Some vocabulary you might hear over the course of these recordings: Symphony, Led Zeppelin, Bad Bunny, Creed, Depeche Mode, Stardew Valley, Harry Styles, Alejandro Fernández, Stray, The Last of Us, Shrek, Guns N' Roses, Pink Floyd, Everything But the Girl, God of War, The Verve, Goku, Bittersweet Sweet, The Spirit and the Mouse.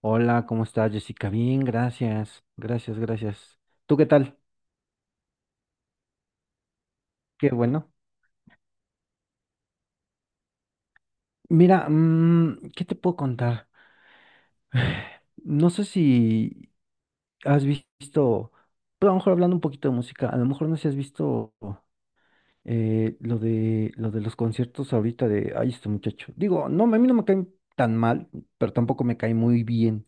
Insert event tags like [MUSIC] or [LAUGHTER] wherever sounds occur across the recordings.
Hola, ¿cómo estás, Jessica? Bien, gracias, gracias, gracias. ¿Tú qué tal? Qué bueno. Mira, ¿qué te puedo contar? No sé si has visto, pero a lo mejor hablando un poquito de música, a lo mejor no sé si has visto lo de los conciertos ahorita de, ay, este muchacho. Digo, no, a mí no me caen tan mal, pero tampoco me cae muy bien.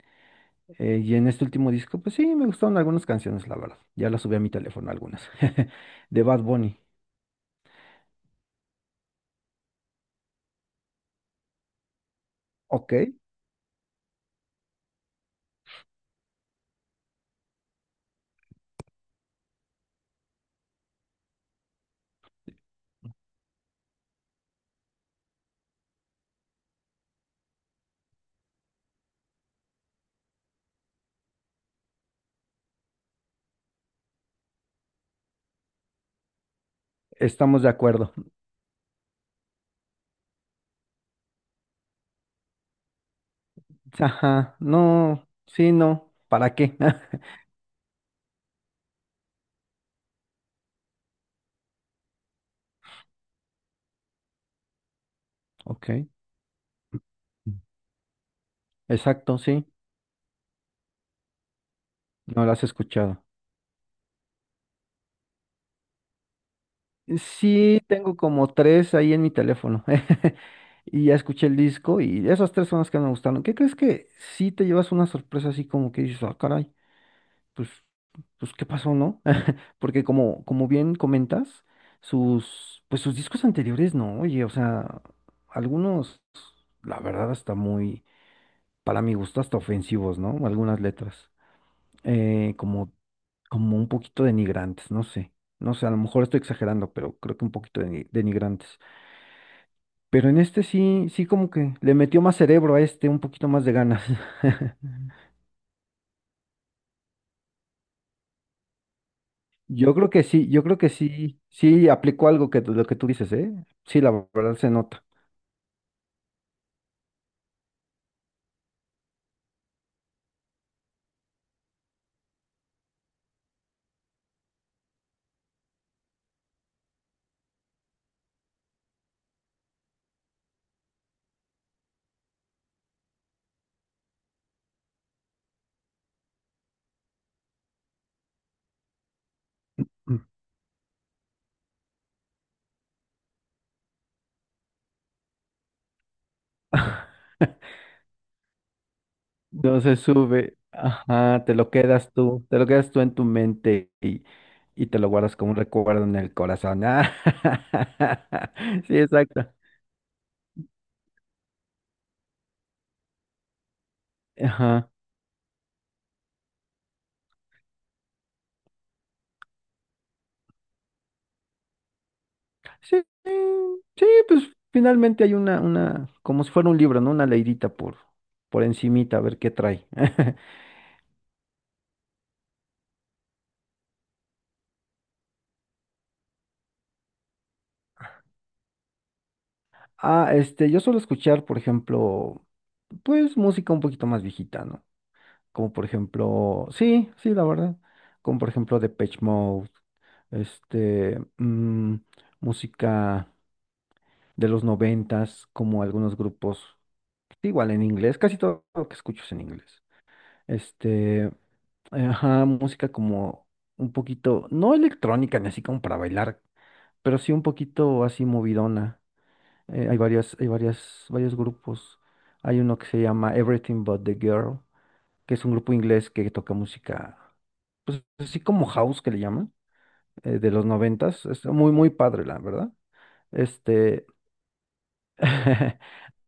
Y en este último disco, pues sí, me gustaron algunas canciones, la verdad. Ya las subí a mi teléfono algunas, [LAUGHS] de Bad Bunny. Ok, estamos de acuerdo. Ajá, no, sí, no, ¿para qué? [LAUGHS] Ok, exacto, sí, no la has escuchado. Sí, tengo como tres ahí en mi teléfono. [LAUGHS] Y ya escuché el disco y esas tres son las que me gustaron. ¿Qué crees? Que sí te llevas una sorpresa así como que dices, ah, caray, pues, pues, ¿qué pasó, no? [LAUGHS] Porque como bien comentas, sus, pues sus discos anteriores, no, oye, o sea, algunos, la verdad, hasta muy, para mi gusto, hasta ofensivos, ¿no? Algunas letras. eh, como, como un poquito denigrantes, no sé. No sé, a lo mejor estoy exagerando, pero creo que un poquito denigrantes. Pero en este sí como que le metió más cerebro a este, un poquito más de ganas. [LAUGHS] Yo creo que sí, yo creo que sí, sí aplicó algo que lo que tú dices, ¿eh? Sí, la verdad se nota. Mm. [LAUGHS] No se sube, ajá, te lo quedas tú, te lo quedas tú en tu mente y te lo guardas como un recuerdo en el corazón. Ah, [LAUGHS] sí, exacto. Ajá. Sí, sí, pues finalmente hay una, como si fuera un libro, ¿no? Una leidita por encimita, a ver qué trae. [LAUGHS] Ah, yo suelo escuchar, por ejemplo, pues música un poquito más viejita, ¿no? Como por ejemplo, sí, sí, la verdad. Como por ejemplo Depeche Mode, este, mm, música de los noventas, como algunos grupos, igual en inglés, casi todo lo que escucho es en inglés. Este, Ajá, música como un poquito, no electrónica ni así como para bailar, pero sí un poquito así movidona. Hay varias, varios grupos. Hay uno que se llama Everything But the Girl, que es un grupo inglés que toca música, pues así como house que le llaman, de los noventas. Es muy, muy padre, la verdad. Este, [LAUGHS]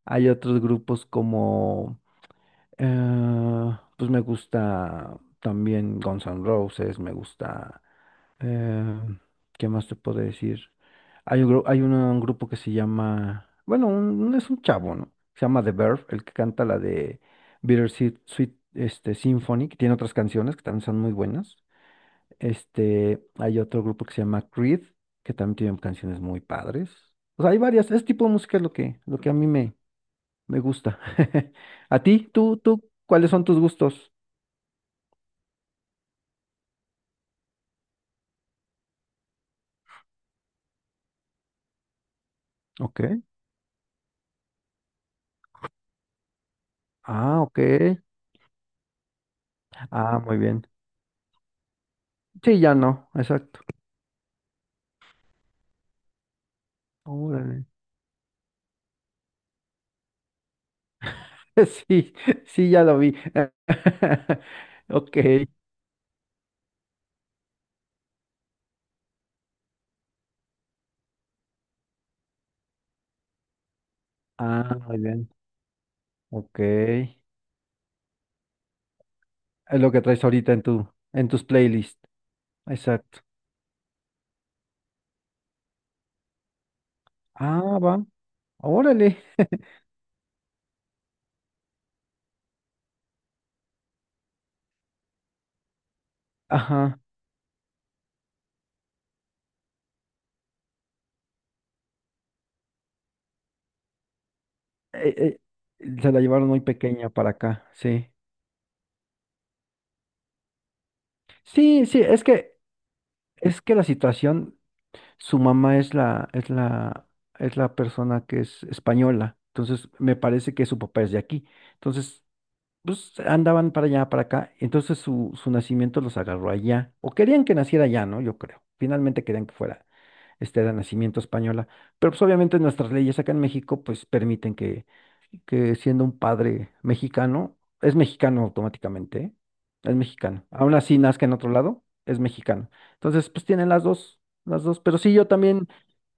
hay otros grupos como, pues me gusta también Guns N' Roses, me gusta. Eh, ¿Qué más te puedo decir? Hay un, gru- hay una- un grupo que se llama, bueno, es un chavo, ¿no? Se llama The Verve, el que canta la de Bittersweet Sweet, Symphony, que tiene otras canciones que también son muy buenas. Hay otro grupo que se llama Creed, que también tiene canciones muy padres. O sea, hay varias, ese tipo de música es lo que, a mí me gusta. [LAUGHS] ¿A ti? ¿Tú, cuáles son tus gustos? Ok. Ah, ok. Ah, muy bien. Sí, ya no, exacto. Órale. [LAUGHS] Sí, sí, ya lo vi. [LAUGHS] Ok. Ah, muy bien. Ok. Es lo que traes ahorita en tu, en tus playlists. Exacto. Ah, va. Órale. Ajá. Eh, se la llevaron muy pequeña para acá, sí. Sí, sí, es que, la situación, su mamá es la, es la persona que es española. Entonces, me parece que su papá es de aquí. Entonces, pues andaban para allá, para acá, entonces su nacimiento los agarró allá, o querían que naciera allá, ¿no? Yo creo, finalmente querían que fuera, de nacimiento española, pero pues obviamente nuestras leyes acá en México, pues permiten que, siendo un padre mexicano, es mexicano automáticamente, ¿eh? Es mexicano, aún así nazca en otro lado, es mexicano, entonces pues tienen las dos, pero sí, yo también,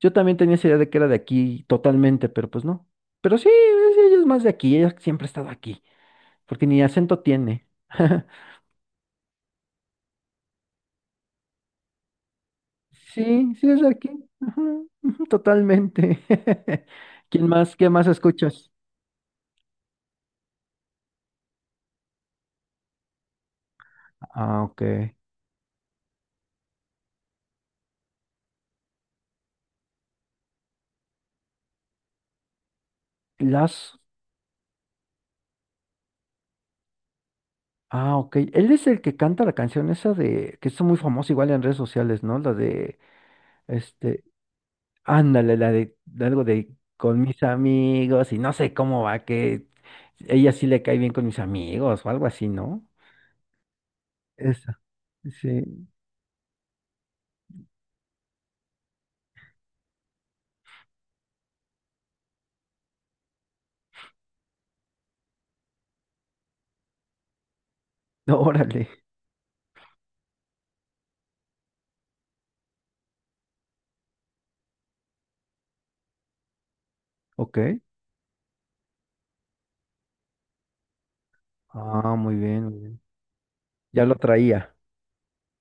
yo también tenía esa idea de que era de aquí totalmente, pero pues no, pero sí, ella es más de aquí, ella siempre ha estado aquí porque ni acento tiene. [LAUGHS] Sí, sí es de aquí. Ajá, ujú, totalmente. [LAUGHS] ¿Quién más? ¿Qué más escuchas? Ah, ok. Las. Ah, ok. Él es el que canta la canción esa de, que es muy famosa igual en redes sociales, ¿no? La de, este, ándale, la de algo de con mis amigos y no sé cómo va, que ella sí le cae bien con mis amigos o algo así, ¿no? Esa. Sí. [LAUGHS] Órale. Ok. Ah, muy bien, muy bien. Ya lo traía.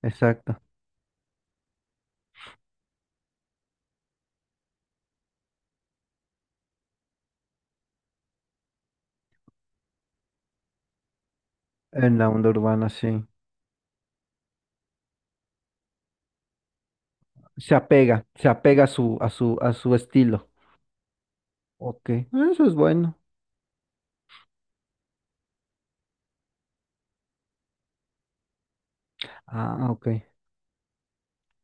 Exacto. En la onda urbana, sí. Se apega a su, a su estilo. Ok, eso es bueno. Ah, ok.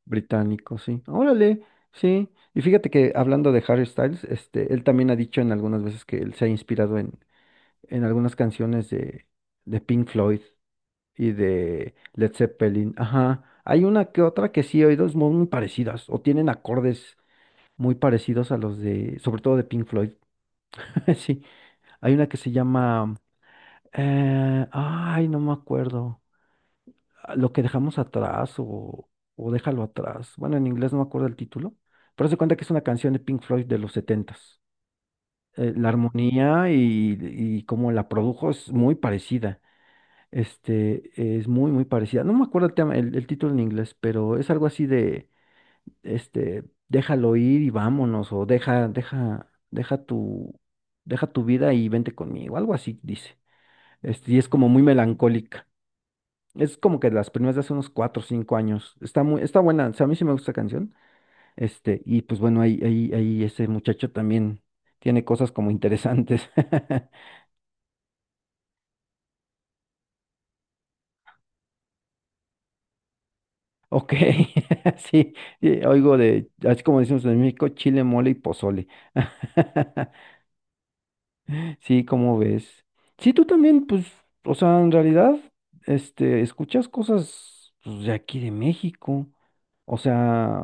Británico, sí. Órale, sí. Y fíjate que hablando de Harry Styles, él también ha dicho en algunas veces que él se ha inspirado en, algunas canciones de Pink Floyd y de Led Zeppelin. Ajá. Hay una que otra que sí he oído es muy muy parecidas o tienen acordes muy parecidos a los de, sobre todo de Pink Floyd. [LAUGHS] Sí. Hay una que se llama ay, no me acuerdo. Ah, lo que dejamos atrás o déjalo atrás. Bueno, en inglés no me acuerdo el título, pero se cuenta que es una canción de Pink Floyd de los setentas. La armonía y cómo la produjo es muy parecida. Es muy, muy parecida. No me acuerdo el título en inglés, pero es algo así de, déjalo ir y vámonos, o deja tu vida y vente conmigo, algo así dice. Y es como muy melancólica. Es como que de las primeras de hace unos 4 o 5 años. Está buena. O sea, a mí sí me gusta esa canción. Y pues bueno, ahí, ahí ese muchacho también tiene cosas como interesantes. [LAUGHS] Ok, [LAUGHS] sí, sí, oigo de, así como decimos en México, chile, mole y pozole. [LAUGHS] Sí, ¿cómo ves? Sí, tú también, pues, o sea, en realidad, escuchas cosas pues, de aquí de México. O sea,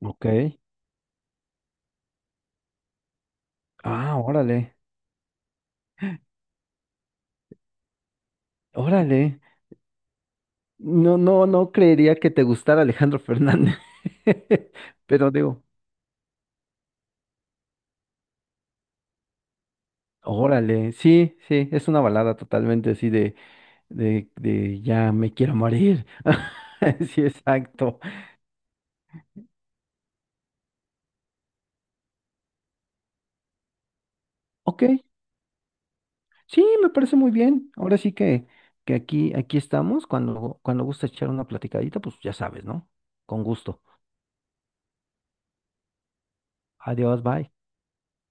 ok. Ah, órale, órale. No, no, no creería que te gustara Alejandro Fernández. [LAUGHS] Pero digo, órale, sí, sí, es una balada totalmente así de, de ya me quiero morir. [LAUGHS] Sí, exacto. Ok, sí, me parece muy bien. Ahora sí que, aquí, aquí estamos. Cuando gusta echar una platicadita, pues ya sabes, ¿no? Con gusto. Adiós, bye.